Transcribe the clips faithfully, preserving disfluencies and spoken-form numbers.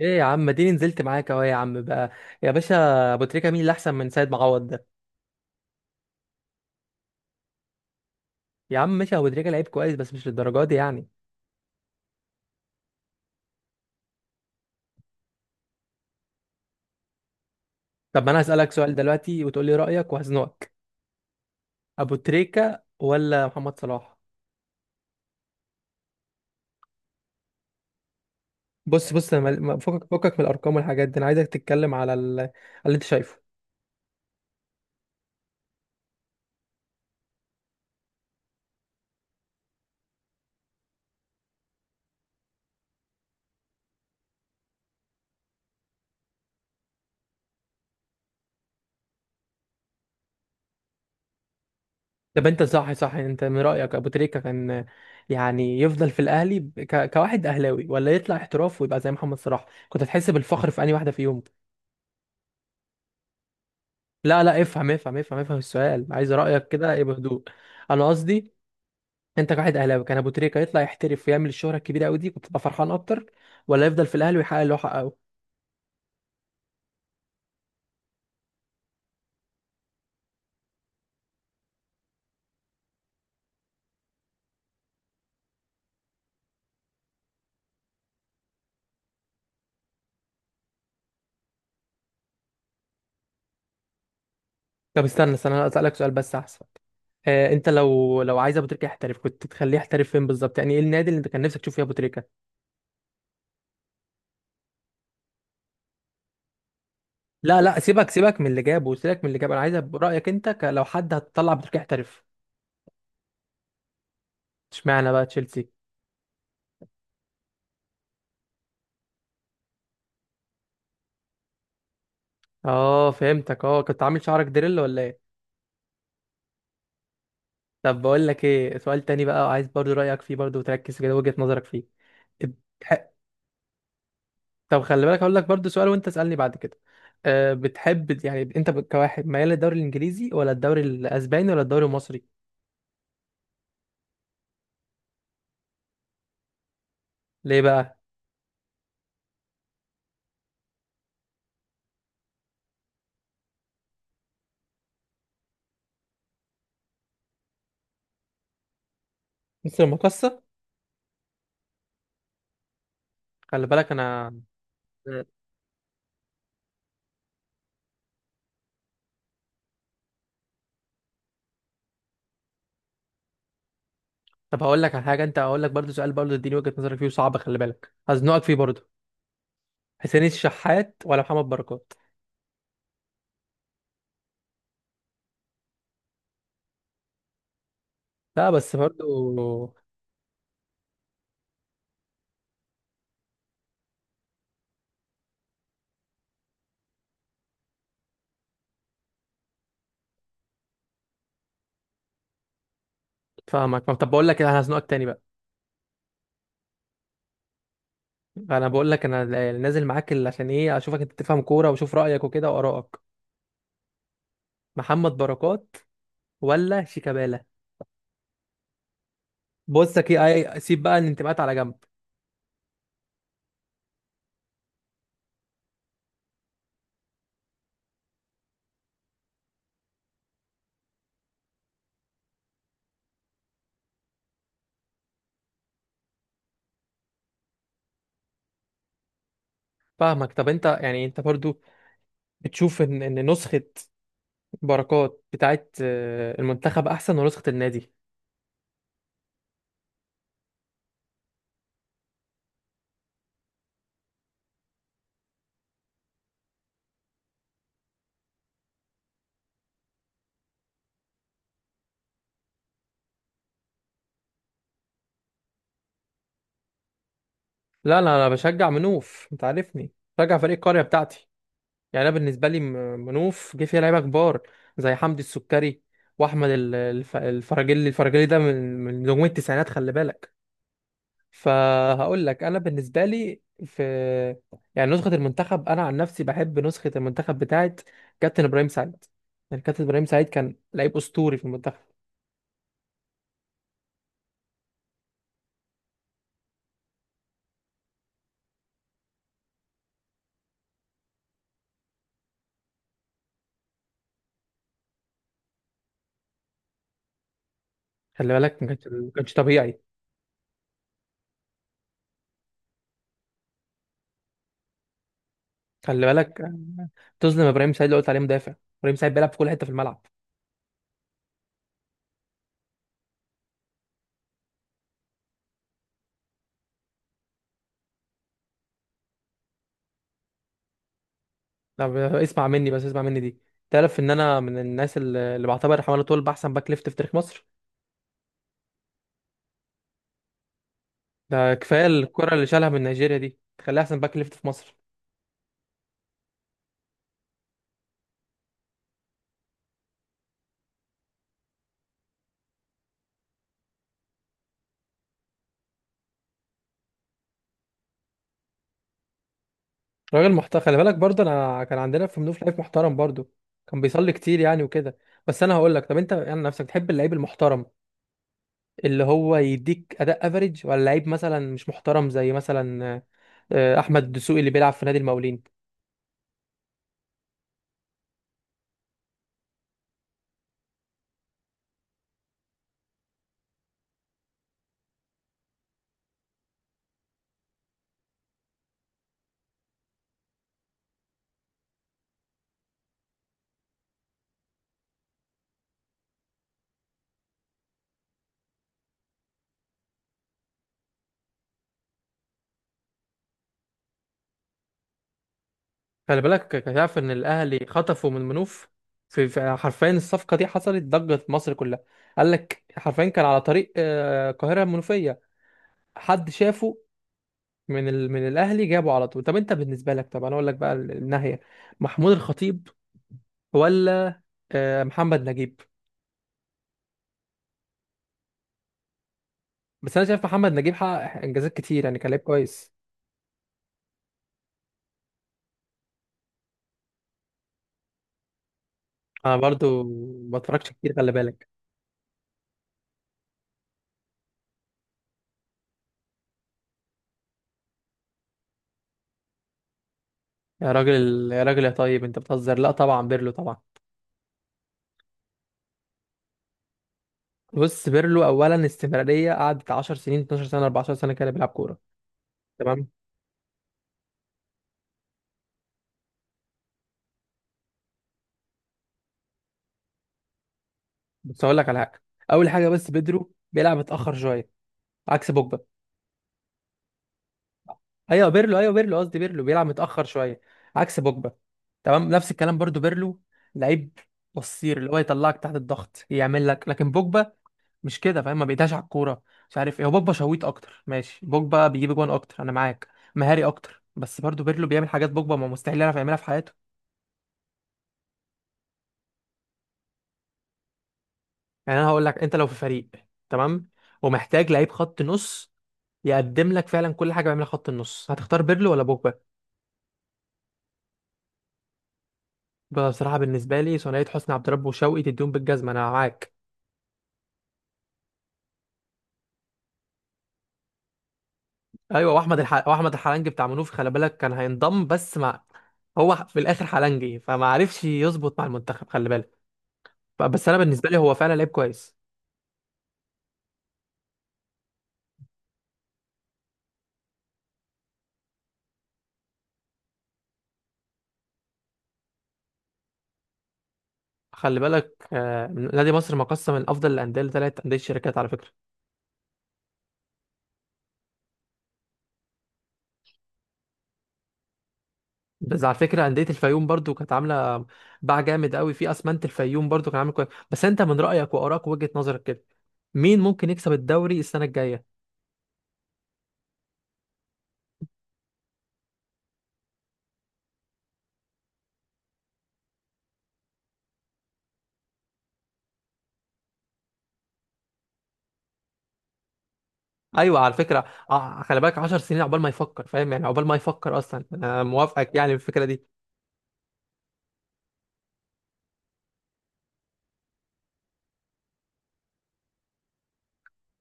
ايه يا عم اديني نزلت معاك اهو يا عم بقى. يا باشا، ابو تريكه مين اللي احسن من سيد معوض ده؟ يا عم ماشي، ابو تريكه لعيب كويس بس مش للدرجه دي يعني. طب ما انا هسالك سؤال دلوقتي وتقول لي رايك وهزنقك. ابو تريكه ولا محمد صلاح؟ بص بص، انا مال- ما- فكك فكك من الارقام والحاجات دي، انا عايزك تتكلم على ال- اللي انت شايفه. طب انت صح صح، انت من رايك ابو تريكه كان يعني يفضل في الاهلي ب- ك... كواحد اهلاوي، ولا يطلع احتراف ويبقى زي محمد صلاح؟ كنت هتحس بالفخر في انهي واحده فيهم؟ لا لا، افهم افهم افهم افهم السؤال، عايز رأيك كده ايه بهدوء. انا قصدي، انت كواحد اهلاوي كان ابو تريكة يطلع يحترف ويعمل الشهرة الكبيرة قوي دي، كنت تبقى فرحان اكتر، ولا يفضل في الاهلي ويحقق اللي هو حققه؟ طب استنى استنى، انا اسالك سؤال بس احسن. آه، انت لو لو عايز ابو تريكة يحترف، كنت تخليه يحترف فين بالظبط؟ يعني ايه النادي اللي انت كان نفسك تشوف فيه ابو تريكة؟ لا لا، سيبك سيبك من اللي جابه، سيبك من اللي جابه، انا عايز أب- رأيك انت، ك- لو حد هتطلع ابو تريكة يحترف. اشمعنى بقى تشيلسي؟ اه فهمتك، اه كنت عامل شعرك دريل ولا ايه؟ طب بقول لك ايه، سؤال تاني بقى وعايز برضو رأيك فيه برضو، وتركز كده وجهة نظرك فيه. بتح... طب خلي بالك، هقول لك برضو سؤال وانت اسألني بعد كده. أه، بتحب يعني انت ب- كواحد ميال للدوري الانجليزي، ولا الدوري الاسباني، ولا الدوري المصري؟ ليه بقى؟ مصر المقصة. خلي بالك انا. مم. طب هقول لك على حاجة، انت هقول لك برضو سؤال برضو، اديني وجهة نظرك فيه وصعب، خلي بالك هزنقك فيه برضو. حسين الشحات ولا محمد بركات؟ لا بس برضو. فاهمك. طب بقول لك إيه، انا هزنقك تاني بقى. انا بقول لك، انا نازل معاك ال- عشان ايه، اشوفك انت بتفهم كوره واشوف رايك وكده وارائك. محمد بركات ولا شيكابالا؟ بصك ايه اي، سيب بقى الانتماءات على جنب. فاهمك. طب انت يعني انت برضو بتشوف ان ان نسخه بركات بتاعت آه، المنتخب احسن، ونسخه النادي؟ لا لا، انا بشجع منوف، انت عارفني، بشجع فريق القريه بتاعتي. يعني انا بالنسبه لي م- منوف جه فيها لعيبه كبار، زي حمدي السكري، واحمد ال- الف- الفراجيلي. الفراجيلي ده من من نجوم التسعينات خلي بالك. فهقول لك انا بالنسبه لي في، يعني نسخه المنتخب، انا عن نفسي بحب نسخه المنتخب بتاعت كابتن ابراهيم سعيد. يعني كابتن ابراهيم سعيد كان لعيب اسطوري في المنتخب. خلي بالك ما كانش ما كانش طبيعي. خلي بالك تظلم ابراهيم سعيد اللي قلت عليه مدافع، ابراهيم سعيد بيلعب في كل حته في الملعب. طب اسمع مني بس، اسمع مني دي، تعرف ان انا من الناس اللي اللي بعتبر حماده طول احسن باك ليفت في تاريخ مصر؟ ده كفايه الكره اللي شالها من نيجيريا دي تخليها احسن باك ليفت في مصر. راجل محترم خلي بالك، برضه انا كان عندنا في منوف لعيب محترم برضه، كان بيصلي كتير يعني وكده. بس انا هقول لك، طب انت يعني نفسك تحب اللعيب المحترم اللي هو يديك اداء افريج، ولا لعيب مثلا مش محترم زي مثلا آه، احمد دسوقي اللي بيلعب في نادي المقاولين؟ خلي بالك، ك- تعرف ان الاهلي خطفوا من منوف؟ في في- حرفيا الصفقه دي حصلت ضجه في مصر كلها. قال لك حرفيا كان على طريق آه، القاهره المنوفيه، حد شافه من ال... من الاهلي جابه على طول. طب انت بالنسبه لك، طب انا اقول لك بقى الناحيه، محمود الخطيب ولا آه، محمد نجيب؟ بس انا شايف محمد نجيب حقق انجازات كتير يعني، كان لعيب كويس. انا برضو ما بتفرجش كتير خلي بالك. يا راجل يا راجل يا طيب، انت بتهزر؟ لا طبعا بيرلو طبعا. بص، بيرلو اولا استمراريه، قعدت 10 سنين 12 سنه 14 سنه كده بيلعب كوره. تمام. بس هقول لك على حاجه، اول حاجه بس بيدرو بيلعب متاخر شويه، عكس بوجبا. ايوه بيرلو، ايوه بيرلو قصدي، بيرلو بيلعب متاخر شويه عكس بوجبا. تمام. نفس الكلام برضو، بيرلو لعيب قصير اللي هو يطلعك تحت الضغط، يعمل لك، لكن بوجبا مش كده فاهم، ما بيدهش على الكوره، مش عارف ايه هو. بوجبا شويت اكتر، ماشي، بوجبا بيجيب جوان اكتر انا معاك، مهاري اكتر، بس برضو بيرلو بيعمل حاجات بوجبا ما مستحيل يعرف يعملها في حياته. يعني انا هقول لك، انت لو في فريق، تمام، ومحتاج لعيب خط نص يقدم لك فعلا كل حاجه بيعملها خط النص، هتختار بيرلو ولا بوجبا؟ بصراحه بالنسبه لي ثنائيه حسني عبد ربه وشوقي تديهم بالجزمه، انا معاك. ايوه واحمد الح... واحمد الحلنجي بتاع منوفي خلي بالك، كان هينضم بس مع، هو في الاخر حلنجي فما عرفش يظبط مع المنتخب خلي بالك. بس انا بالنسبه لي هو فعلا لعيب كويس. خلي بالك آه، نادي مصر مقسم من افضل الانديه لثلاث انديه شركات على فكره. بس على فكره انديه الفيوم برضو كانت عامله باع جامد قوي، في اسمنت الفيوم برضو كان عامل كويس. بس انت من رايك وارائك وجهه نظرك كده، مين ممكن يكسب الدوري السنه الجايه؟ ايوه على فكره آه، خلي بالك 10 سنين عقبال ما يفكر، فاهم يعني عقبال ما يفكر اصلا، انا موافقك يعني في الفكره دي.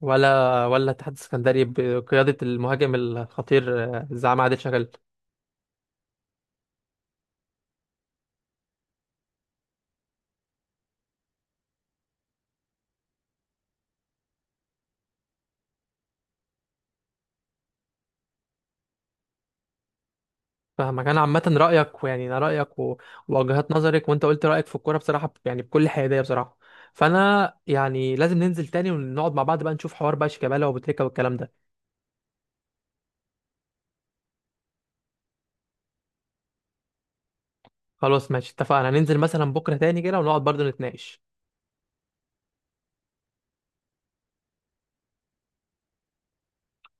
ولا ولا اتحاد السكندري بقياده المهاجم الخطير آه، زعيم عادل شغال. فاهمك. انا عامه رايك ويعني انا رايك و- ووجهات نظرك، وانت قلت رايك في الكوره بصراحه، ب- يعني بكل حياديه بصراحه. فانا يعني لازم ننزل تاني ونقعد مع بعض بقى، نشوف حوار بقى شيكابالا وبوتريكا والكلام ده. خلاص ماشي اتفقنا، هننزل مثلا بكره تاني كده ونقعد برضو نتناقش.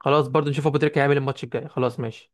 خلاص برضو نشوف أبو تريكة هيعمل الماتش الجاي. خلاص ماشي.